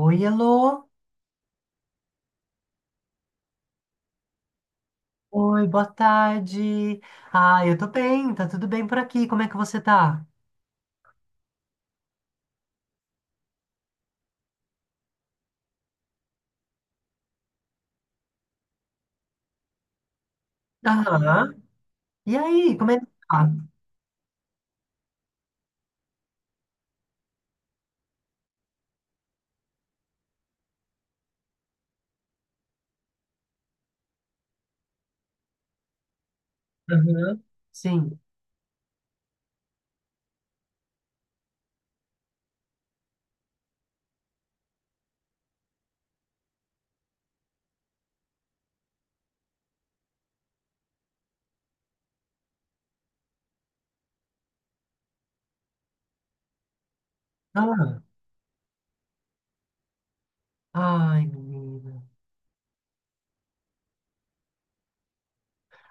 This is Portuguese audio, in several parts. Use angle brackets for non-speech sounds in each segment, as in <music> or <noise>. Oi, alô. Oi, boa tarde. Ah, eu tô bem, tá tudo bem por aqui. Como é que você tá? Aham. E aí, como é que tá? Aham. Sim. Ah. Ai, menina.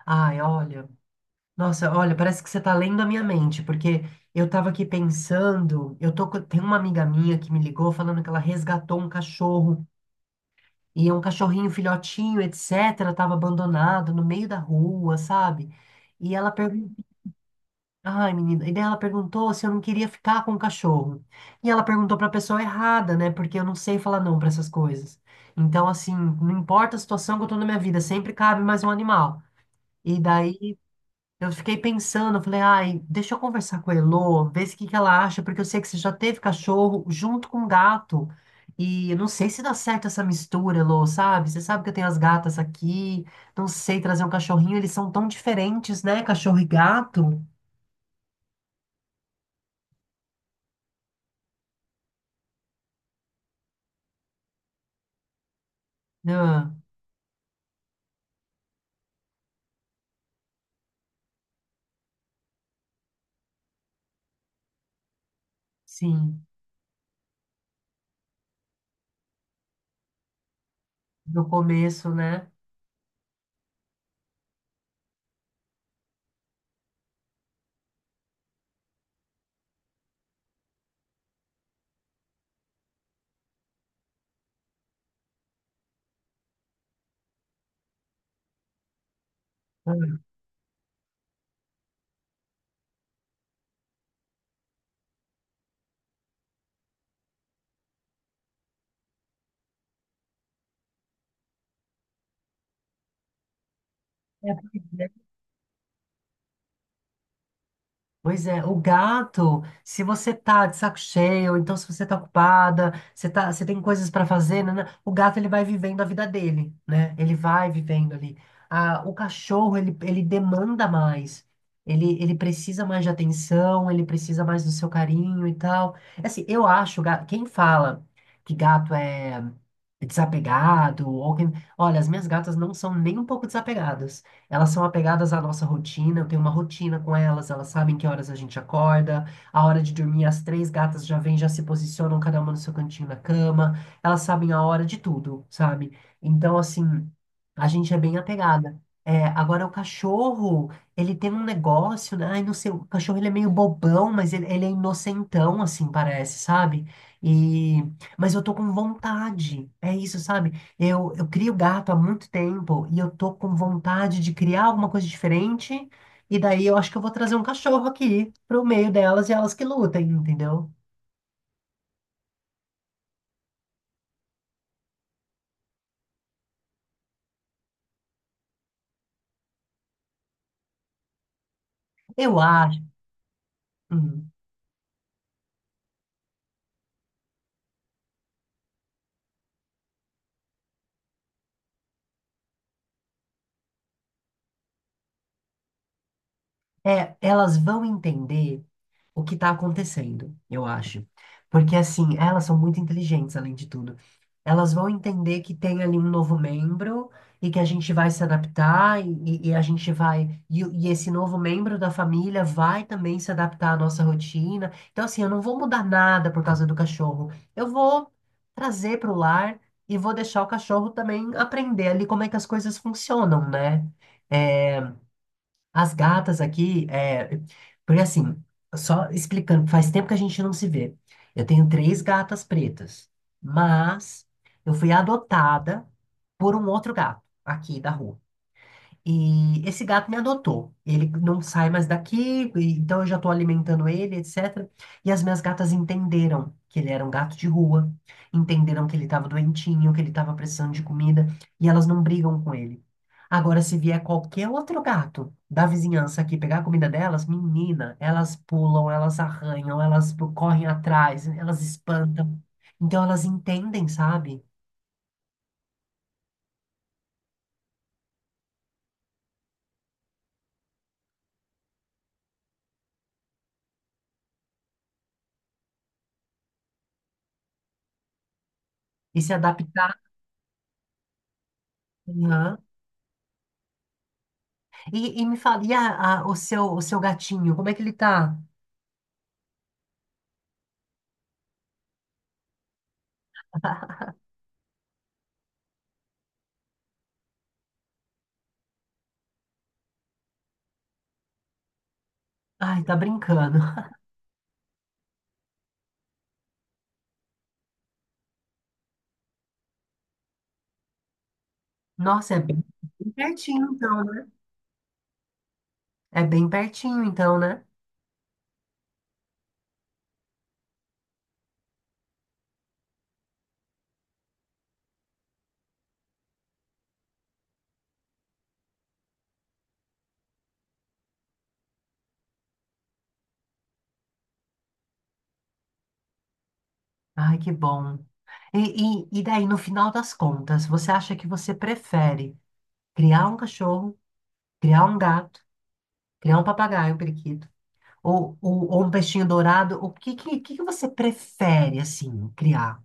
Ai, olha. Nossa, olha, parece que você tá lendo a minha mente, porque eu tava aqui pensando, tem uma amiga minha que me ligou falando que ela resgatou um cachorro, e é um cachorrinho filhotinho, etc, tava abandonado no meio da rua, sabe? E ela perguntou. Ai, menina. E daí ela perguntou se eu não queria ficar com o cachorro. E ela perguntou pra pessoa errada, né? Porque eu não sei falar não pra essas coisas. Então, assim, não importa a situação que eu tô na minha vida, sempre cabe mais um animal. E daí eu fiquei pensando, eu falei, ai, deixa eu conversar com a Elô, ver se o que que ela acha, porque eu sei que você já teve cachorro junto com gato. E eu não sei se dá certo essa mistura, Elô, sabe? Você sabe que eu tenho as gatas aqui, não sei trazer um cachorrinho, eles são tão diferentes, né? Cachorro e gato. Ah. Sim, no começo, né? Hum. É, pois é. Pois é, o gato, se você tá de saco cheio, então se você tá ocupada, você tá, você tem coisas para fazer, né, o gato ele vai vivendo a vida dele, né? Ele vai vivendo ali. Ah, o cachorro, ele demanda mais. Ele precisa mais de atenção, ele precisa mais do seu carinho e tal. É. Assim, eu acho, quem fala que gato é desapegado, ou quem, olha, as minhas gatas não são nem um pouco desapegadas. Elas são apegadas à nossa rotina, eu tenho uma rotina com elas, elas sabem que horas a gente acorda, a hora de dormir, as três gatas já vêm, já se posicionam, cada uma no seu cantinho na cama, elas sabem a hora de tudo, sabe? Então, assim, a gente é bem apegada. É, agora, o cachorro, ele tem um negócio, né? Ai, não sei, o cachorro ele é meio bobão, mas ele é inocentão, assim, parece, sabe? E... Mas eu tô com vontade, é isso, sabe? Eu crio gato há muito tempo e eu tô com vontade de criar alguma coisa diferente. E daí eu acho que eu vou trazer um cachorro aqui pro meio delas e elas que lutem, entendeu? Eu acho. Hum, é, elas vão entender o que está acontecendo, eu acho. Porque, assim, elas são muito inteligentes, além de tudo. Elas vão entender que tem ali um novo membro e que a gente vai se adaptar e a gente vai. E esse novo membro da família vai também se adaptar à nossa rotina. Então, assim, eu não vou mudar nada por causa do cachorro. Eu vou trazer para o lar e vou deixar o cachorro também aprender ali como é que as coisas funcionam, né? É, as gatas aqui, é, porque assim, só explicando, faz tempo que a gente não se vê. Eu tenho três gatas pretas, mas eu fui adotada por um outro gato aqui da rua. E esse gato me adotou. Ele não sai mais daqui, então eu já estou alimentando ele, etc. E as minhas gatas entenderam que ele era um gato de rua, entenderam que ele estava doentinho, que ele estava precisando de comida, e elas não brigam com ele. Agora, se vier qualquer outro gato da vizinhança aqui pegar a comida delas, menina, elas pulam, elas arranham, elas correm atrás, elas espantam. Então elas entendem, sabe? E se adaptar. E me fala, e o seu gatinho, como é que ele tá? Ai, tá brincando. Nossa, é bem, bem pertinho então, né? É bem pertinho então, né? Ai, que bom. E, e daí, no final das contas, você acha que você prefere criar um cachorro, criar um gato, criar um papagaio, um periquito, ou um peixinho dourado? O que que você prefere, assim, criar?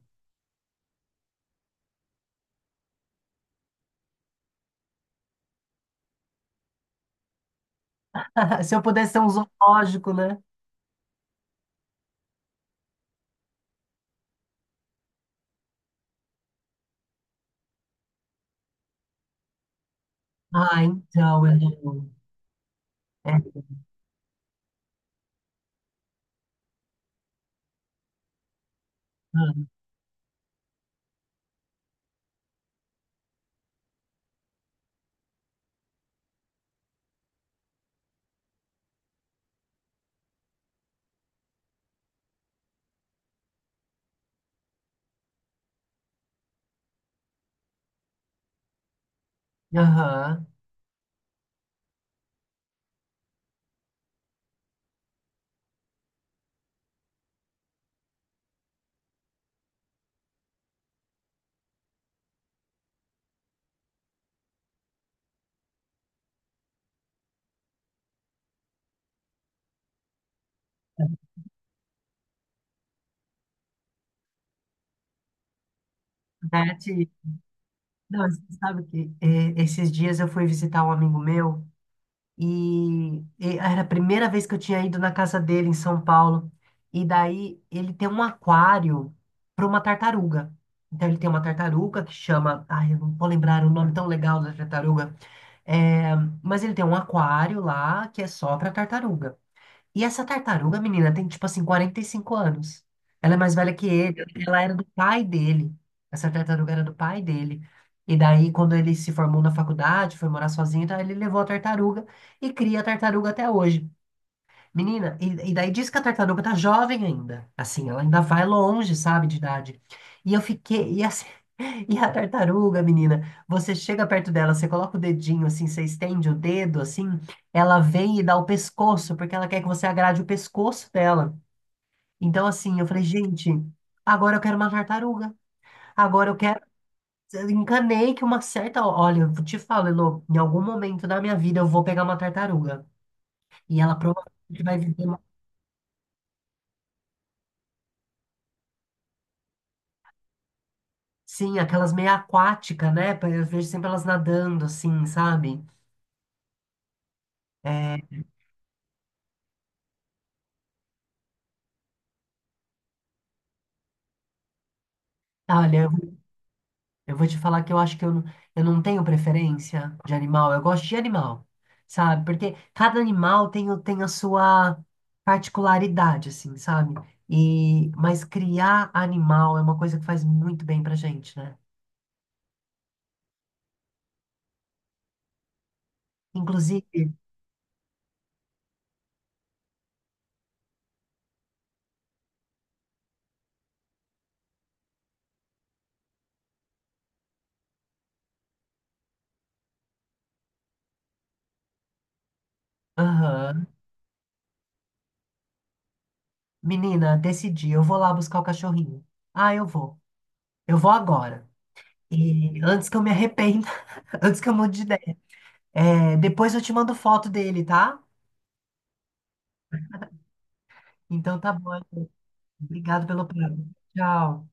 <laughs> Se eu pudesse ser um zoológico, né? Ah, então, eu... É, aham. Aham. Né. Não, você sabe que é, esses dias eu fui visitar um amigo meu e era a primeira vez que eu tinha ido na casa dele em São Paulo. E daí ele tem um aquário para uma tartaruga. Então ele tem uma tartaruga que chama. Ai, eu não vou lembrar o nome tão legal da tartaruga. É, mas ele tem um aquário lá que é só para tartaruga. E essa tartaruga, menina, tem tipo assim 45 anos. Ela é mais velha que ele. Ela era do pai dele. Essa tartaruga era do pai dele. E daí, quando ele se formou na faculdade, foi morar sozinho, então ele levou a tartaruga e cria a tartaruga até hoje. Menina, e daí diz que a tartaruga tá jovem ainda. Assim, ela ainda vai longe, sabe, de idade. E eu fiquei. E, assim, <laughs> e a tartaruga, menina, você chega perto dela, você coloca o dedinho assim, você estende o dedo assim, ela vem e dá o pescoço, porque ela quer que você agrade o pescoço dela. Então, assim, eu falei, gente, agora eu quero uma tartaruga. Agora eu quero. Eu encanei que uma certa. Olha, eu te falo, Elô, em algum momento da minha vida eu vou pegar uma tartaruga. E ela provavelmente vai viver. Sim, aquelas meio aquática, né? Eu vejo sempre elas nadando, assim, sabe? É, olha, eu vou te falar que eu acho que eu não tenho preferência de animal. Eu gosto de animal, sabe? Porque cada animal tem, tem a sua particularidade, assim, sabe? E, mas criar animal é uma coisa que faz muito bem pra gente, né? Inclusive, aham, menina, decidi, eu vou lá buscar o cachorrinho. Ah, eu vou. Eu vou agora. E antes que eu me arrependa, <laughs> antes que eu mude de... É, depois eu te mando foto dele, tá? Então tá bom. Obrigado pelo plano. Tchau.